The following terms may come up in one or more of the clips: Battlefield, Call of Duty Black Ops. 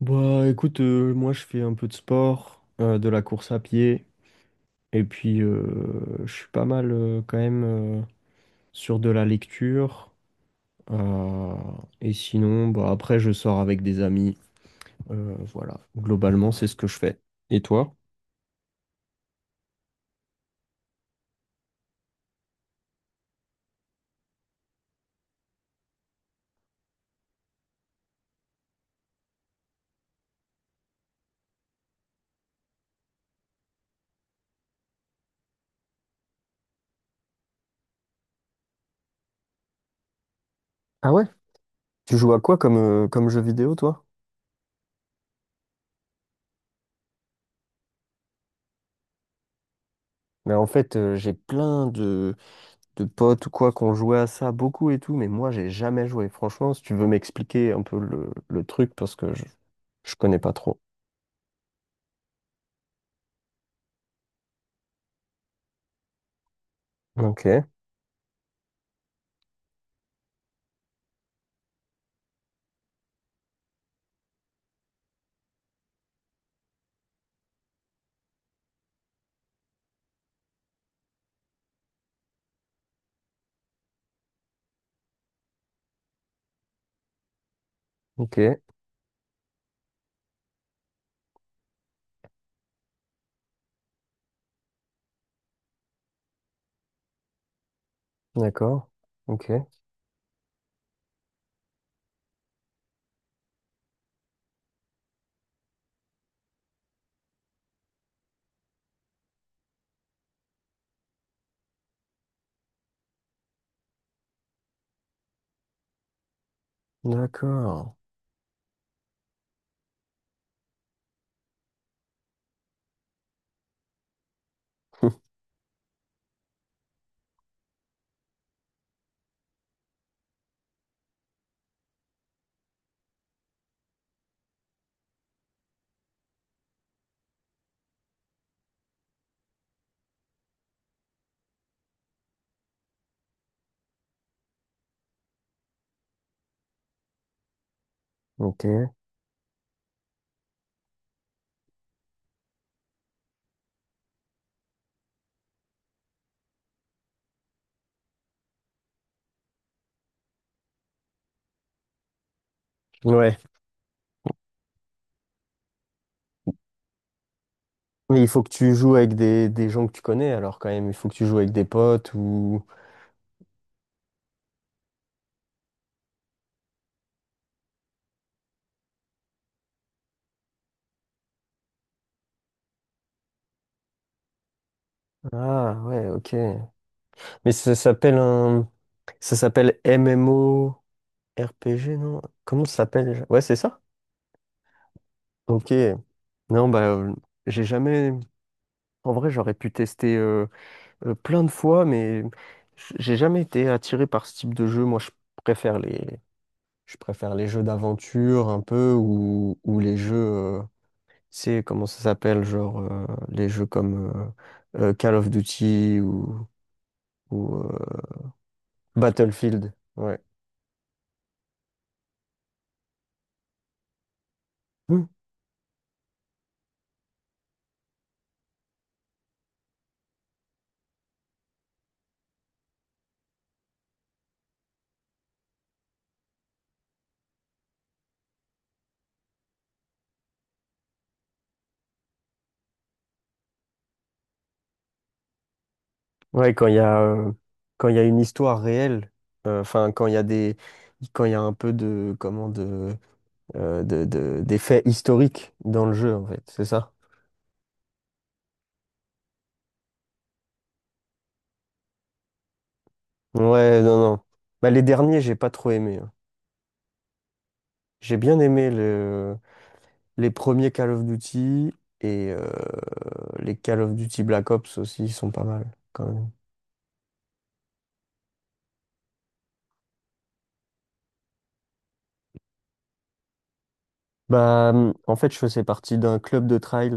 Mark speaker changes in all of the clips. Speaker 1: Bah écoute, moi je fais un peu de sport, de la course à pied, et puis je suis pas mal quand même sur de la lecture. euh, et sinon, bah après je sors avec des amis. Voilà, globalement c'est ce que je fais. Et toi? Ah ouais? Tu joues à quoi comme, comme jeu vidéo, toi? Mais en fait, j'ai plein de potes ou quoi qui ont joué à ça beaucoup et tout, mais moi, j'ai jamais joué. Franchement, si tu veux m'expliquer un peu le truc, parce que je connais pas trop. Ok. Ok, d'accord. Ok, d'accord. Ok. Ouais. Mais il faut que tu joues avec des gens que tu connais, alors quand même. Il faut que tu joues avec des potes ou... Ah, ouais, ok. Mais ça s'appelle un... Ça s'appelle MMO RPG, non? Comment ça s'appelle déjà? Ouais, c'est ça? Ok. Non, bah, j'ai jamais... En vrai, j'aurais pu tester plein de fois, mais j'ai jamais été attiré par ce type de jeu. Moi, préfère les, je préfère les jeux d'aventure un peu ou, les jeux, c'est comment ça s'appelle, genre les jeux comme Call of Duty ou Battlefield. Ouais. Mm. Ouais, quand il y a une histoire réelle, enfin quand il y a un peu de, comment de- des faits historiques dans le jeu en fait, c'est ça? Ouais, non, non. Bah, les derniers, j'ai pas trop aimé, hein. J'ai bien aimé le les premiers Call of Duty et les Call of Duty Black Ops aussi sont pas mal quand même. Bah, en fait, je faisais partie d'un club de trail,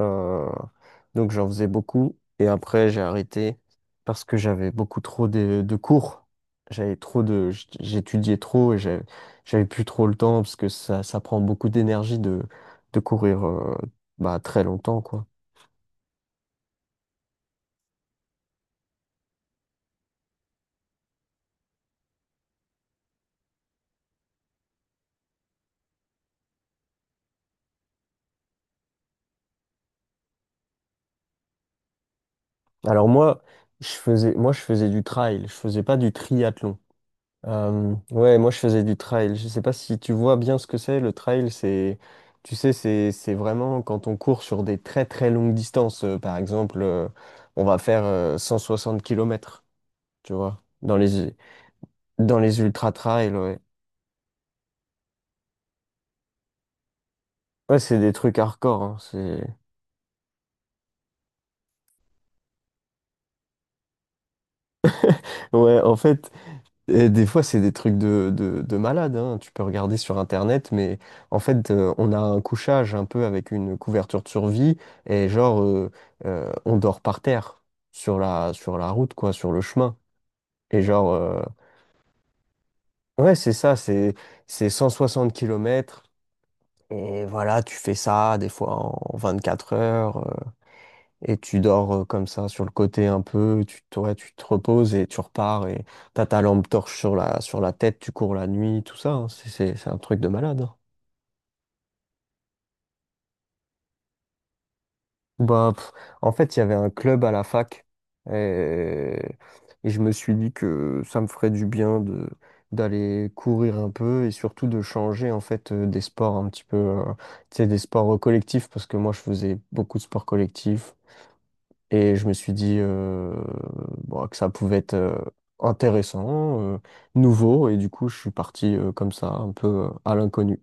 Speaker 1: euh, donc j'en faisais beaucoup. Et après, j'ai arrêté parce que j'avais beaucoup trop de cours. J'étudiais trop et j'avais plus trop le temps parce que ça prend beaucoup d'énergie de courir, bah, très longtemps, quoi. Alors moi, je faisais du trail, je faisais pas du triathlon. Ouais, moi je faisais du trail. Je sais pas si tu vois bien ce que c'est. Le trail, c'est, tu sais, c'est vraiment quand on court sur des très très longues distances. Par exemple, on va faire 160 kilomètres. Tu vois, dans les ultra trails. Ouais, ouais, c'est des trucs hardcore, hein. C'est ouais, en fait, Et des fois, c'est des trucs de malade, hein. Tu peux regarder sur Internet, mais en fait, on a un couchage un peu avec une couverture de survie, et genre, on dort par terre sur sur la route, quoi, sur le chemin. Et genre, ouais, c'est ça, c'est 160 kilomètres. Et voilà, tu fais ça des fois en 24 heures. Et tu dors comme ça sur le côté un peu, ouais, tu te reposes et tu repars, et t'as ta lampe torche sur sur la tête, tu cours la nuit, tout ça, hein. C'est un truc de malade, hein. Bah, pff, en fait, il y avait un club à la fac, et, et je me suis dit que ça me ferait du bien de d'aller courir un peu et surtout de changer en fait des sports un petit peu, tu sais, des sports collectifs parce que moi je faisais beaucoup de sports collectifs. Et je me suis dit bon, que ça pouvait être intéressant, nouveau, et du coup, je suis parti comme ça, un peu à l'inconnu.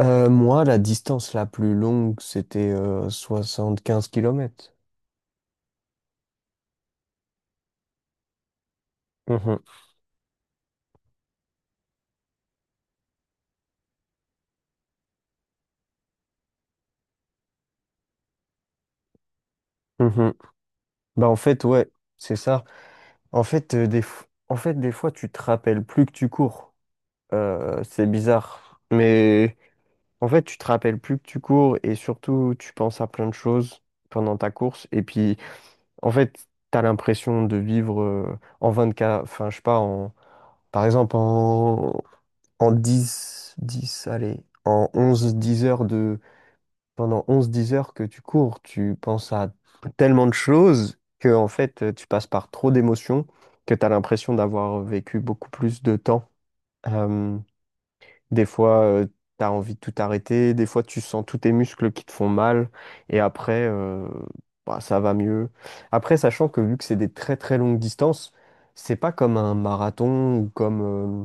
Speaker 1: Moi, la distance la plus longue, c'était 15 kilomètres. Mhm, mhm. Bah, en fait, ouais, c'est ça. En fait, en fait, des fois, tu te rappelles plus que tu cours. C'est bizarre. Mais en fait, tu te rappelles plus que tu cours et surtout, tu penses à plein de choses pendant ta course. Et puis, en fait, t'as l'impression de vivre en 24, enfin, je sais pas, par exemple, en 10 dix, allez, en 11 10 heures pendant 11 10 heures que tu cours, tu penses à tellement de choses que, en fait, tu passes par trop d'émotions que t'as l'impression d'avoir vécu beaucoup plus de temps. Euh, des fois, tu t'as envie de tout arrêter, des fois, tu sens tous tes muscles qui te font mal, et après, bah, ça va mieux. Après, sachant que vu que c'est des très très longues distances, c'est pas comme un marathon ou comme euh,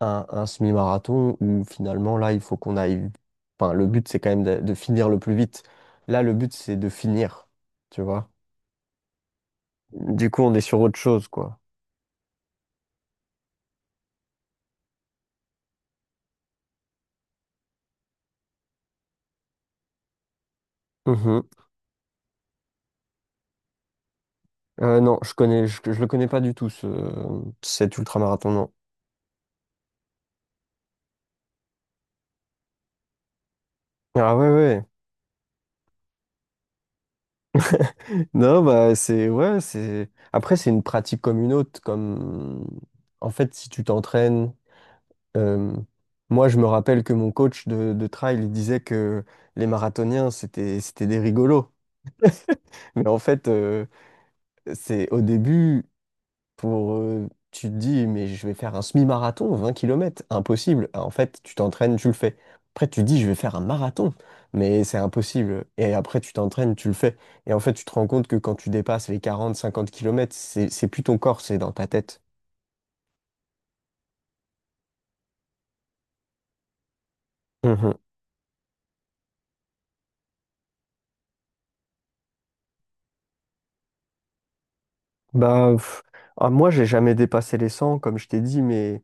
Speaker 1: un semi-marathon où finalement, là, il faut qu'on aille. Enfin, le but, c'est quand même de finir le plus vite. Là, le but, c'est de finir, tu vois. Du coup, on est sur autre chose, quoi. Mhm. Non, je le connais pas du tout, cet ultramarathon, non. Ah ouais, ouais. Non, bah c'est ouais, c'est après c'est une pratique comme une autre, comme en fait si tu t'entraînes. euh, Moi je me rappelle que mon coach de trail, il disait que les marathoniens c'était des rigolos. Mais en fait c'est au début, pour, tu te dis, mais je vais faire un semi-marathon, 20 kilomètres impossible. En fait, tu t'entraînes, tu le fais. Après, tu te dis, je vais faire un marathon, mais c'est impossible. Et après, tu t'entraînes, tu le fais. Et en fait, tu te rends compte que quand tu dépasses les 40, 50 kilomètres, c'est plus ton corps, c'est dans ta tête. Mhm. Bah, pff, ah, moi, j'ai jamais dépassé les 100, comme je t'ai dit, mais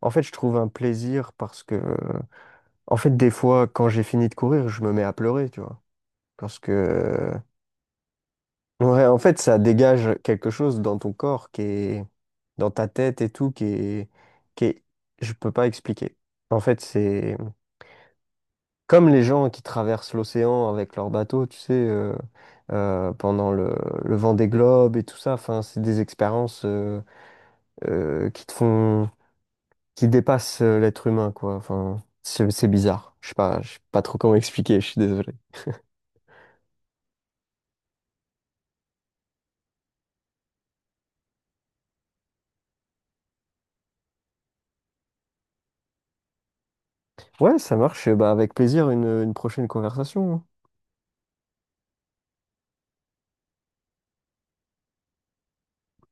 Speaker 1: en fait, je trouve un plaisir parce que, en fait, des fois, quand j'ai fini de courir, je me mets à pleurer, tu vois. Parce que, euh, Ouais, en fait, ça dégage quelque chose dans ton corps qui est, dans ta tête et tout, qui est, je peux pas expliquer. En fait, c'est comme les gens qui traversent l'océan avec leur bateau, tu sais, pendant le vent des globes et tout ça. Enfin, c'est des expériences euh, qui te font, qui dépassent l'être humain, quoi. Enfin, c'est bizarre. Je sais pas trop comment expliquer. Je suis désolé. Ouais, ça marche. Bah, avec plaisir, une prochaine conversation, hein.